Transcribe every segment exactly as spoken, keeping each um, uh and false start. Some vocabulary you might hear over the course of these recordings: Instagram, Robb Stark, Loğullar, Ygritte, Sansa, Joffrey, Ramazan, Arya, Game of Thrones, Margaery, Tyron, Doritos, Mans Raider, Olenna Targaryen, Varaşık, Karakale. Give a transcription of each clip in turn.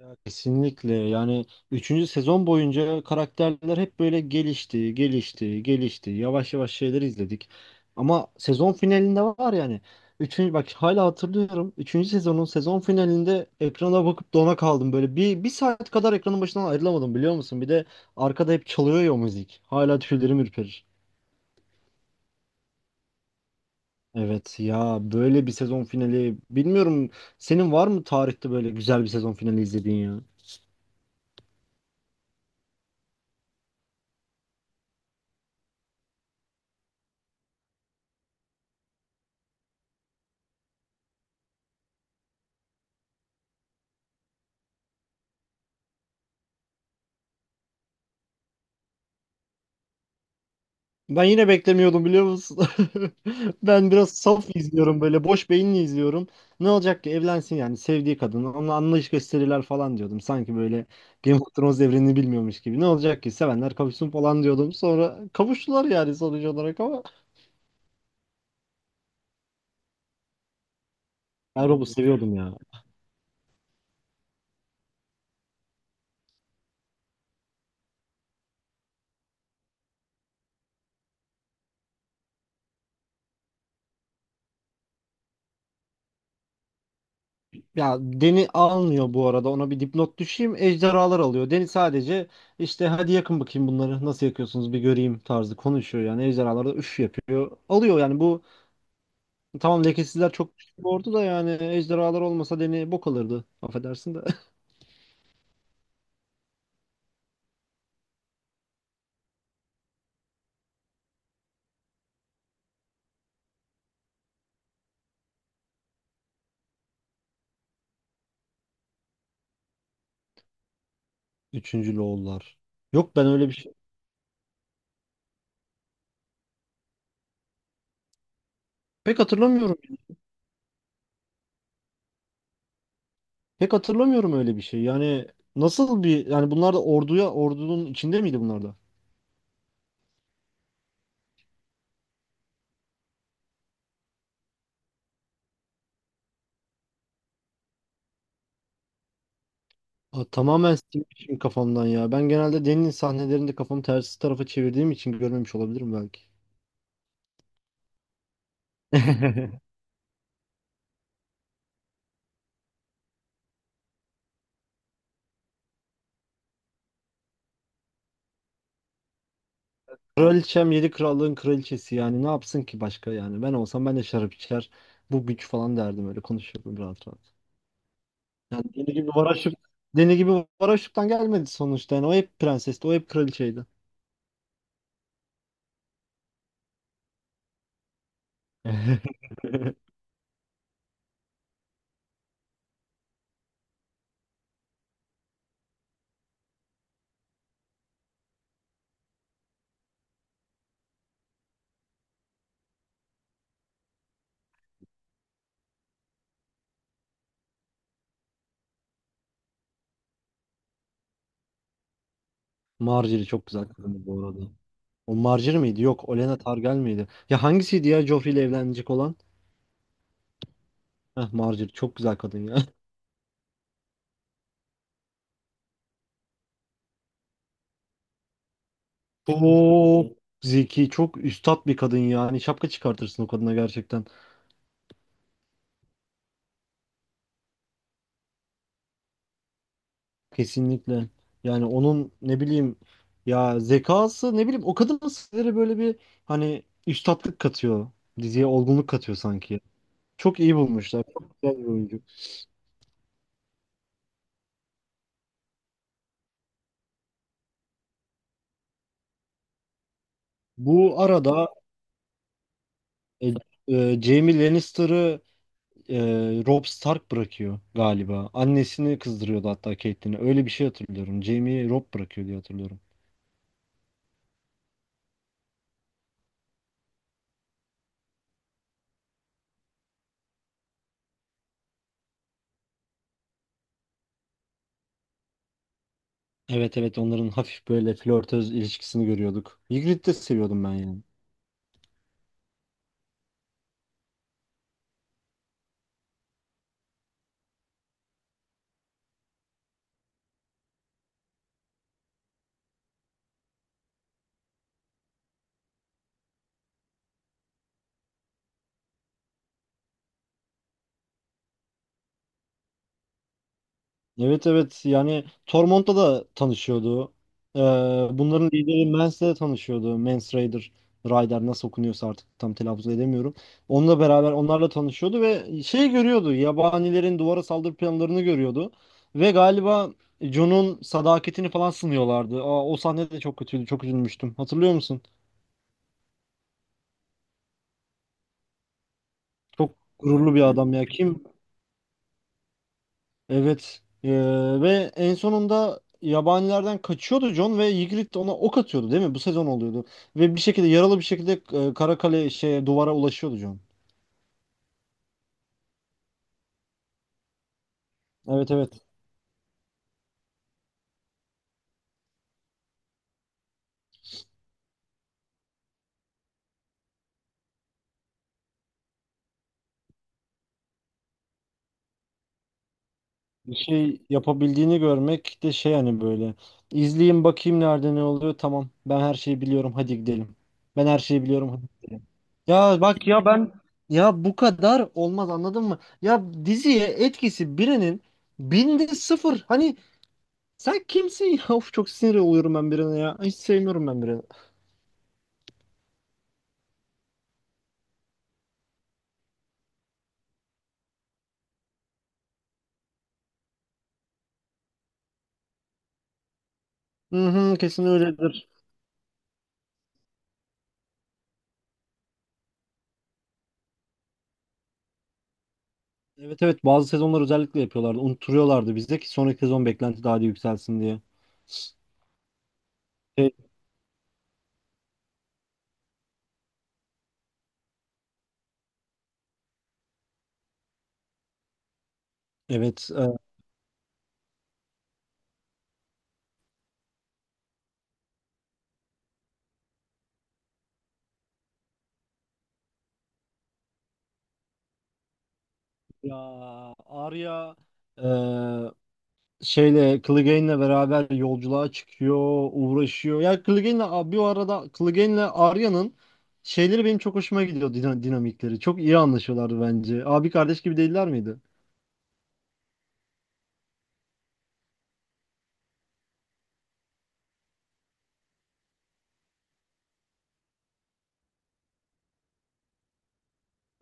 Ya kesinlikle yani üçüncü sezon boyunca karakterler hep böyle gelişti, gelişti, gelişti. Yavaş yavaş şeyleri izledik. Ama sezon finalinde var yani. Üçüncü, bak hala hatırlıyorum. Üçüncü sezonun sezon finalinde ekrana bakıp dona kaldım. Böyle bir, bir saat kadar ekranın başından ayrılamadım biliyor musun? Bir de arkada hep çalıyor ya o müzik. Hala tüylerim ürperir. Evet ya böyle bir sezon finali. Bilmiyorum, senin var mı tarihte böyle güzel bir sezon finali izlediğin ya? Ben yine beklemiyordum biliyor musun? Ben biraz saf izliyorum, böyle boş beyinli izliyorum. Ne olacak ki evlensin, yani sevdiği kadın onunla anlayış gösterirler falan diyordum. Sanki böyle Game of Thrones evrenini bilmiyormuş gibi. Ne olacak ki sevenler kavuşsun falan diyordum. Sonra kavuştular yani, sonuç olarak. Ama ben Rob'u seviyordum ya. Ya Deni almıyor bu arada, ona bir dipnot düşeyim. Ejderhalar alıyor. Deni sadece işte "hadi yakın bakayım bunları, nasıl yakıyorsunuz bir göreyim" tarzı konuşuyor yani. Ejderhalar da üf yapıyor. Alıyor yani bu. Tamam, lekesizler çok güçlü bir ordu da yani, ejderhalar olmasa Deni bok alırdı. Affedersin de. Üçüncü Loğullar. Yok, ben öyle bir şey. Pek hatırlamıyorum. Pek hatırlamıyorum öyle bir şey. Yani nasıl bir, yani bunlar da orduya, ordunun içinde miydi bunlar da? Aa, tamamen silmişim kafamdan ya. Ben genelde Deni'nin sahnelerinde kafamı tersi tarafa çevirdiğim için görmemiş olabilirim belki. Kraliçem yedi krallığın kraliçesi, yani ne yapsın ki başka yani. Ben olsam ben de şarap içer, bu güç falan derdim, öyle konuşurdum rahat rahat. Yani deli gibi Varaşık, deli gibi Varaşık'tan gelmedi sonuçta. Yani o hep prensesti, o hep kraliçeydi. Margaery çok güzel kadındı bu arada. O Margaery miydi? Yok, Olenna Targaryen miydi? Ya hangisiydi ya Joffrey ile evlenecek olan? Heh, Margaery çok güzel kadın ya. Çok zeki, çok üstat bir kadın ya. Hani şapka çıkartırsın o kadına gerçekten. Kesinlikle. Yani onun ne bileyim, ya zekası, ne bileyim, o kadın sizlere böyle bir, hani üstatlık katıyor. Diziye olgunluk katıyor sanki. Çok iyi bulmuşlar. Çok güzel bir oyuncu. Bu arada, e, e, Jaime Lannister'ı e, Robb Stark bırakıyor galiba. Annesini kızdırıyordu hatta, Catelyn'e. Öyle bir şey hatırlıyorum. Jaime'yi Robb bırakıyor diye hatırlıyorum. Evet evet, onların hafif böyle flörtöz ilişkisini görüyorduk. Ygritte'i de seviyordum ben yani. Evet evet, yani Tormont'ta da tanışıyordu. Ee, Bunların lideri Mans'le de tanışıyordu. Mans Raider, Ryder nasıl okunuyorsa artık, tam telaffuz edemiyorum. Onunla beraber, onlarla tanışıyordu ve şey görüyordu. Yabanilerin duvara saldırı planlarını görüyordu. Ve galiba Jon'un sadakatini falan sınıyorlardı. Aa, o sahne de çok kötüydü. Çok üzülmüştüm. Hatırlıyor musun? Çok gururlu bir adam ya. Kim. Evet. Ee, ve en sonunda yabanilerden kaçıyordu John, ve Ygritte ona ok atıyordu değil mi? Bu sezon oluyordu. Ve bir şekilde, yaralı bir şekilde, e, Karakale, şey, duvara ulaşıyordu John. Evet evet. Bir şey yapabildiğini görmek de şey hani, böyle. İzleyeyim bakayım nerede ne oluyor. Tamam. Ben her şeyi biliyorum. Hadi gidelim. Ben her şeyi biliyorum. Hadi. Ya bak ya, ben, ya bu kadar olmaz anladın mı? Ya diziye etkisi birinin binde sıfır. Hani, sen kimsin ya? Of, çok sinir oluyorum ben birine ya. Hiç sevmiyorum ben birini. Hı hı, kesin öyledir. Evet evet, bazı sezonlar özellikle yapıyorlardı. Unutturuyorlardı bize ki sonraki sezon beklenti daha da yükselsin diye. E. Evet. E, ya Arya, e, şeyle, Clegane'le beraber yolculuğa çıkıyor, uğraşıyor. Ya Clegane'le a- bir arada Clegane'le Arya'nın şeyleri benim çok hoşuma gidiyor, dina- dinamikleri. Çok iyi anlaşıyorlardı bence. Abi kardeş gibi değiller miydi?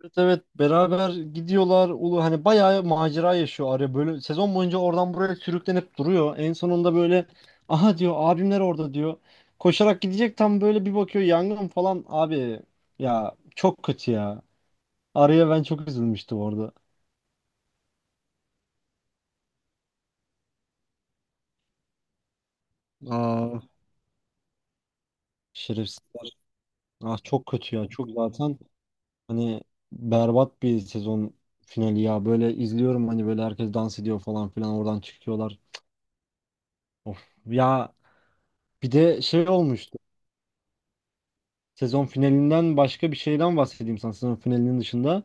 Evet evet, beraber gidiyorlar. Ulu, hani bayağı macera yaşıyor Araya, böyle sezon boyunca oradan buraya sürüklenip duruyor. En sonunda böyle "aha" diyor, "abimler orada" diyor. Koşarak gidecek, tam böyle bir bakıyor yangın falan. Abi ya, çok kötü ya. Araya, ben çok üzülmüştüm orada. Aa. Şerefsiz. Ah çok kötü ya. Çok zaten, hani berbat bir sezon finali ya. Böyle izliyorum, hani böyle herkes dans ediyor falan filan, oradan çıkıyorlar. Of. Ya, bir de şey olmuştu. Sezon finalinden başka bir şeyden bahsedeyim sana, sezon finalinin dışında.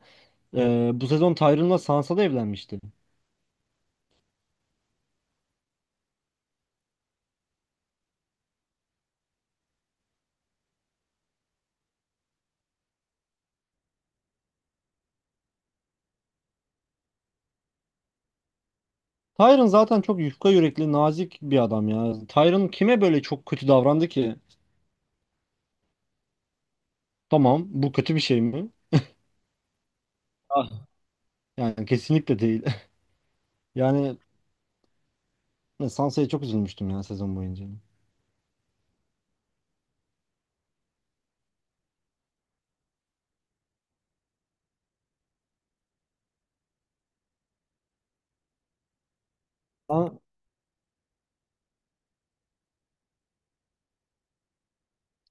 Ee, bu sezon Tyron'la Sansa da evlenmişti. Tyron zaten çok yufka yürekli, nazik bir adam ya. Tyron kime böyle çok kötü davrandı ki? Tamam, bu kötü bir şey mi? Ah. Yani kesinlikle değil. Yani Sansa'ya çok üzülmüştüm ya sezon boyunca.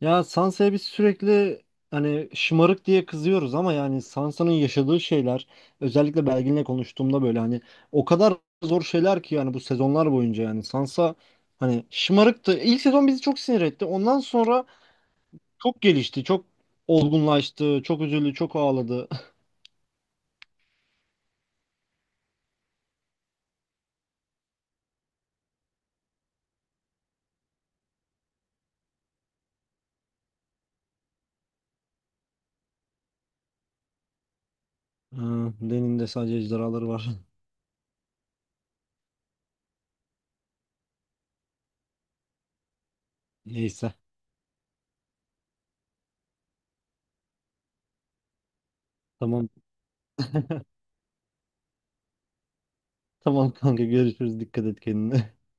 Ya Sansa'ya biz sürekli hani şımarık diye kızıyoruz ama, yani Sansa'nın yaşadığı şeyler, özellikle Belgin'le konuştuğumda böyle hani, o kadar zor şeyler ki yani, bu sezonlar boyunca yani Sansa, hani şımarıktı. İlk sezon bizi çok sinir etti. Ondan sonra çok gelişti, çok olgunlaştı, çok üzüldü, çok ağladı. Ha, Deni'nin de sadece ejderhaları var. Neyse. Tamam. Tamam kanka, görüşürüz. Dikkat et kendine.